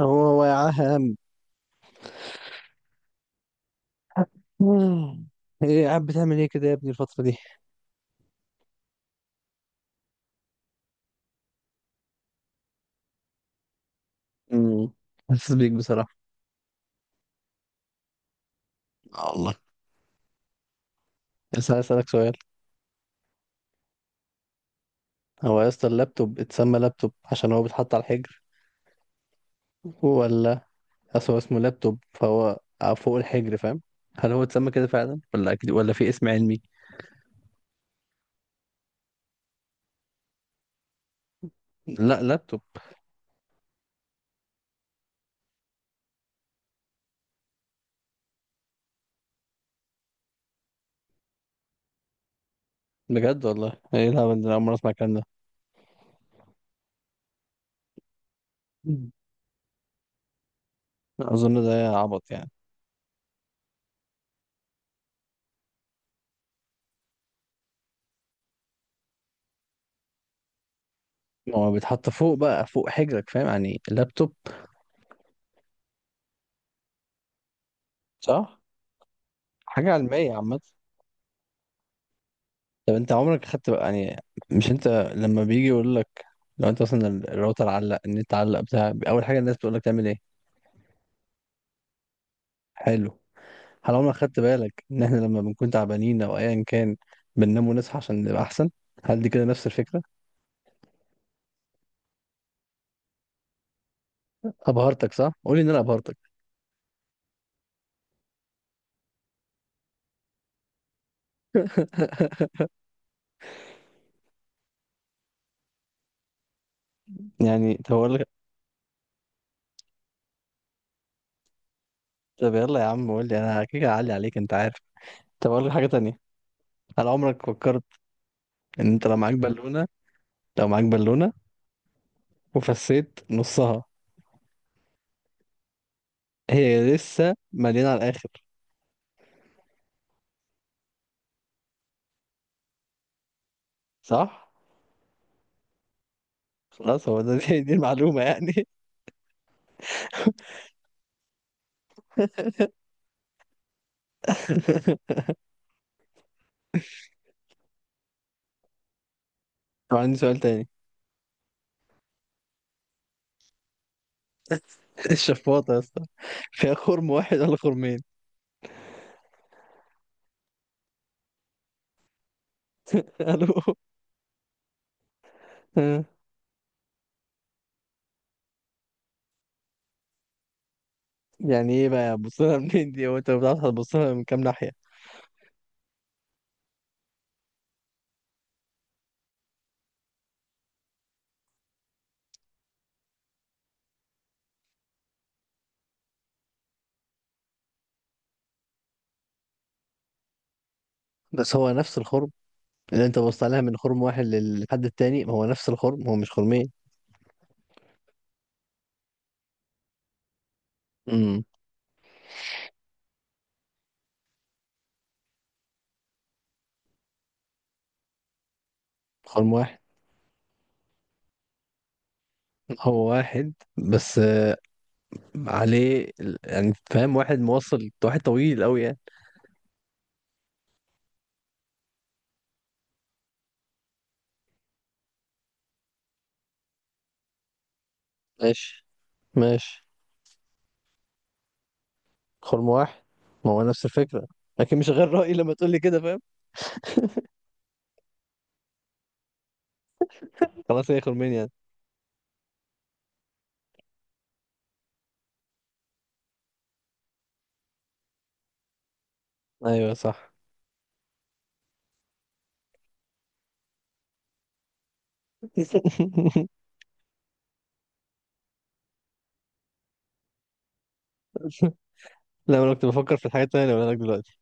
هو هو يا عم. مم. ايه قاعد بتعمل ايه كده يا ابني الفترة دي؟ امم حاسس بيك بصراحة. الله. بس عايز اسألك سؤال. هو يا اسطى، اللابتوب اتسمى لابتوب عشان هو بيتحط على الحجر، ولا اصل هو اسمه لابتوب فهو فوق الحجر، فاهم؟ هل هو اتسمى كده فعلا، ولا أكيد، ولا في اسم علمي؟ لا، لابتوب. بجد والله، ايه الهبل ده؟ أنا أول مرة أسمع الكلام ده. مم. أظن ده عبط يعني. ما هو بيتحط فوق بقى، فوق حجرك، فاهم؟ يعني لابتوب، صح؟ حاجة علمية عامة. طب انت عمرك خدت بقى يعني، مش انت لما بيجي يقول لك، لو انت مثلا الراوتر علق، النت علق بتاع، اول حاجه الناس بتقول لك تعمل ايه؟ حلو. هل عمرك خدت بالك ان احنا لما بنكون تعبانين او ايا كان بننام ونصحى عشان نبقى احسن؟ هل دي كده نفس الفكره؟ ابهرتك صح، قول لي ان انا ابهرتك. يعني طب اقول لك، طب يلا يا عم قول لي، انا كده اعلي عليك، انت عارف. طب اقول لك حاجه تانية. هل عمرك فكرت ان انت لو معاك بالونه، لو معاك بالونه وفسيت نصها، هي لسه مليانه على الاخر، صح؟ خلاص هو ده. دي المعلومة يعني. طب عندي سؤال تاني. الشفاطة يا اسطى، فيها خرم واحد ولا خرمين؟ قالوا آه. يعني ايه بقى بص لها منين دي؟ هو انت بتعرف هتبص لها من كام ناحية؟ بس هو نفس الخرم، اللي انت بصت عليها من خرم واحد للحد التاني هو نفس الخرم، هو مش خرمين. امم خرم واحد. هو واحد بس عليه يعني فاهم، واحد موصل واحد طويل قوي يعني. ماشي ماشي. خرم واحد، ما هو نفس الفكرة. لكن مش غير رأيي لما تقول لي كده، فاهم. خلاص هي خرمين يعني. ايوه صح. لا، انا كنت بفكر في الحاجات التانية اللي بقولها لك دلوقتي.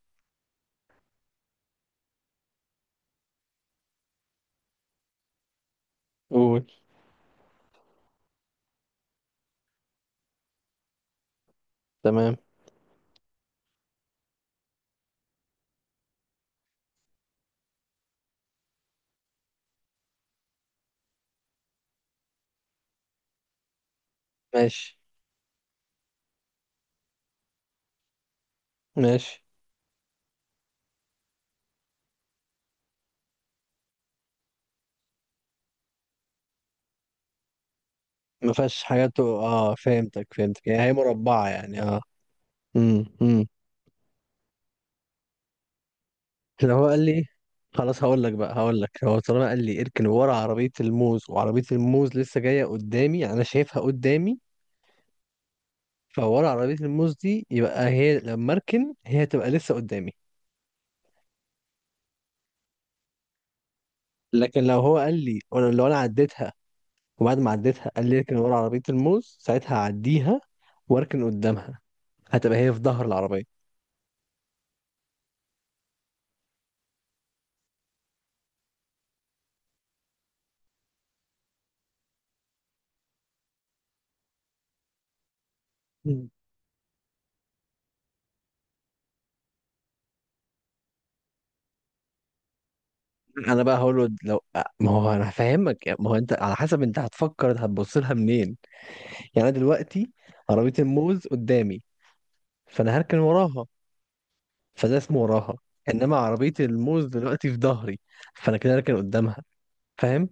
قول. تمام. ماشي ماشي. ما فيهاش حاجات فهمتك فهمتك يعني، هي مربعة يعني، اه. امم امم لو هو قال لي، خلاص هقول لك بقى، هقول لك، هو طالما قال لي اركن ورا عربية الموز، وعربية الموز لسه جاية قدامي يعني انا شايفها قدامي، فورا عربية الموز دي يبقى هي لما اركن، هي تبقى لسه قدامي. لكن لو هو قال لي، وانا لو انا عديتها، وبعد ما عديتها قال لي اركن ورا عربية الموز، ساعتها هعديها واركن قدامها، هتبقى هي في ظهر العربية. مم. انا بقى هقول له، لو ما هو انا هفهمك يعني، ما هو انت على حسب انت هتفكر، انت هتبص لها منين. يعني انا دلوقتي عربية الموز قدامي، فانا هركن وراها، فده اسمه وراها. انما عربية الموز دلوقتي في ظهري، فانا كده هركن قدامها، فاهم؟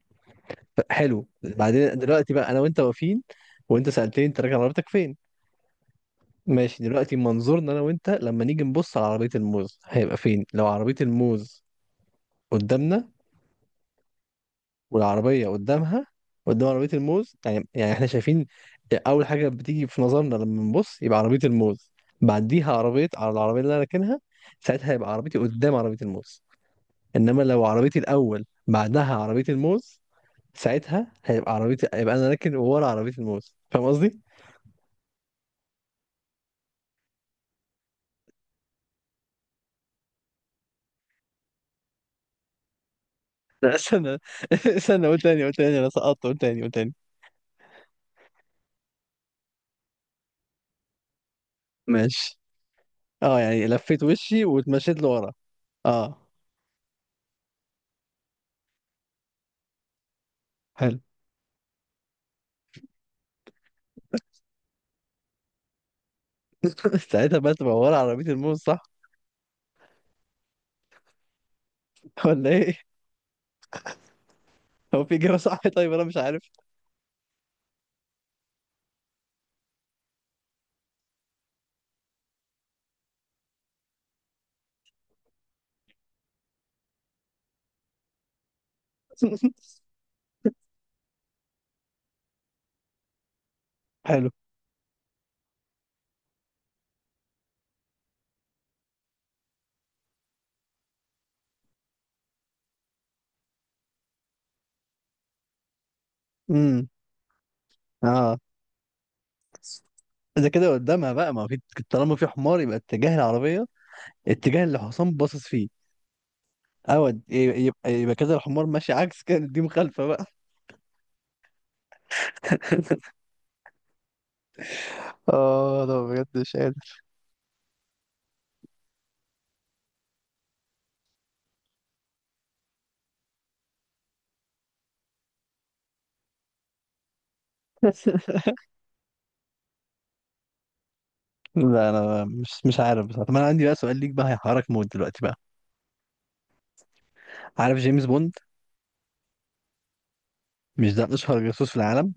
حلو. بعدين دلوقتي بقى انا وانت واقفين، وانت سألتني انت راكن عربيتك فين. ماشي، دلوقتي منظورنا انا وانت لما نيجي نبص على عربية الموز، هيبقى فين؟ لو عربية الموز قدامنا والعربية قدامها، قدام عربية الموز، يعني احنا شايفين اول حاجة بتيجي في نظرنا لما نبص يبقى عربية الموز، بعديها عربية على العربية اللي انا راكنها، ساعتها يبقى عربيتي قدام عربية الموز. انما لو عربيتي الاول بعدها عربية الموز، ساعتها هيبقى عربيتي، يبقى انا راكن ورا عربية الموز. فاهم قصدي؟ لا استنى. استنى، قول تاني قول تاني، انا سقطت، قول تاني قول تاني. ماشي. اه يعني لفيت وشي واتمشيت لورا. اه، حلو. ساعتها بقى تبقى ورا عربية الموز، صح؟ ولا ايه؟ هو في إجابة صح؟ طيب انا مش عارف. حلو. امم اه، ده كده قدامها بقى، ما هو في، طالما في حمار يبقى اتجاه العربية، اتجاه اللي حسام باصص فيه. او يبقى كده الحمار ماشي عكس، كده دي مخالفة بقى. اه ده بجد مش قادر. لا انا مش عارف بصراحة. طب انا عندي بقى سؤال ليك بقى، هيحرك موت دلوقتي بقى. عارف جيمس بوند؟ مش ده اشهر جاسوس في العالم؟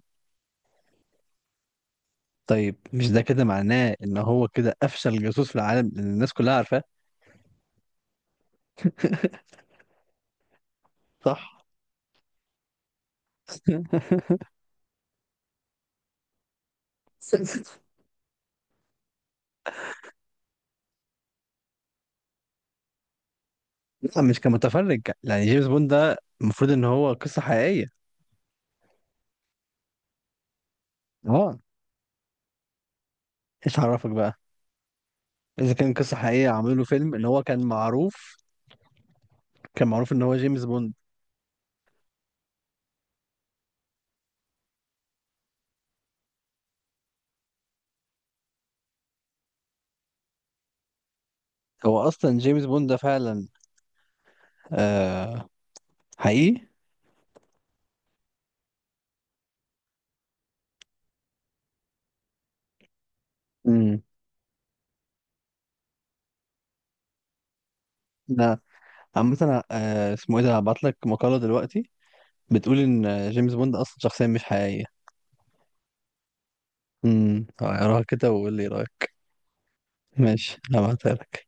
طيب مش ده كده معناه ان هو كده افشل جاسوس في العالم لان الناس كلها عارفاه؟ صح؟ لا، مش كمتفرج. يعني جيمس بوند ده المفروض ان هو قصة حقيقية. اه. ايش عرفك بقى؟ اذا كان قصة حقيقية عملوا له فيلم ان هو كان معروف؟ كان معروف ان هو جيمس بوند. هو اصلا جيمس بوند ده فعلا آه حقيقي. امم ده عامة، اسمه ايه ده، هبعت لك مقالة دلوقتي بتقول ان جيمس بوند اصلا شخصية مش حقيقية. اقراها كده وقول لي رأيك. ماشي، هبعتها لك.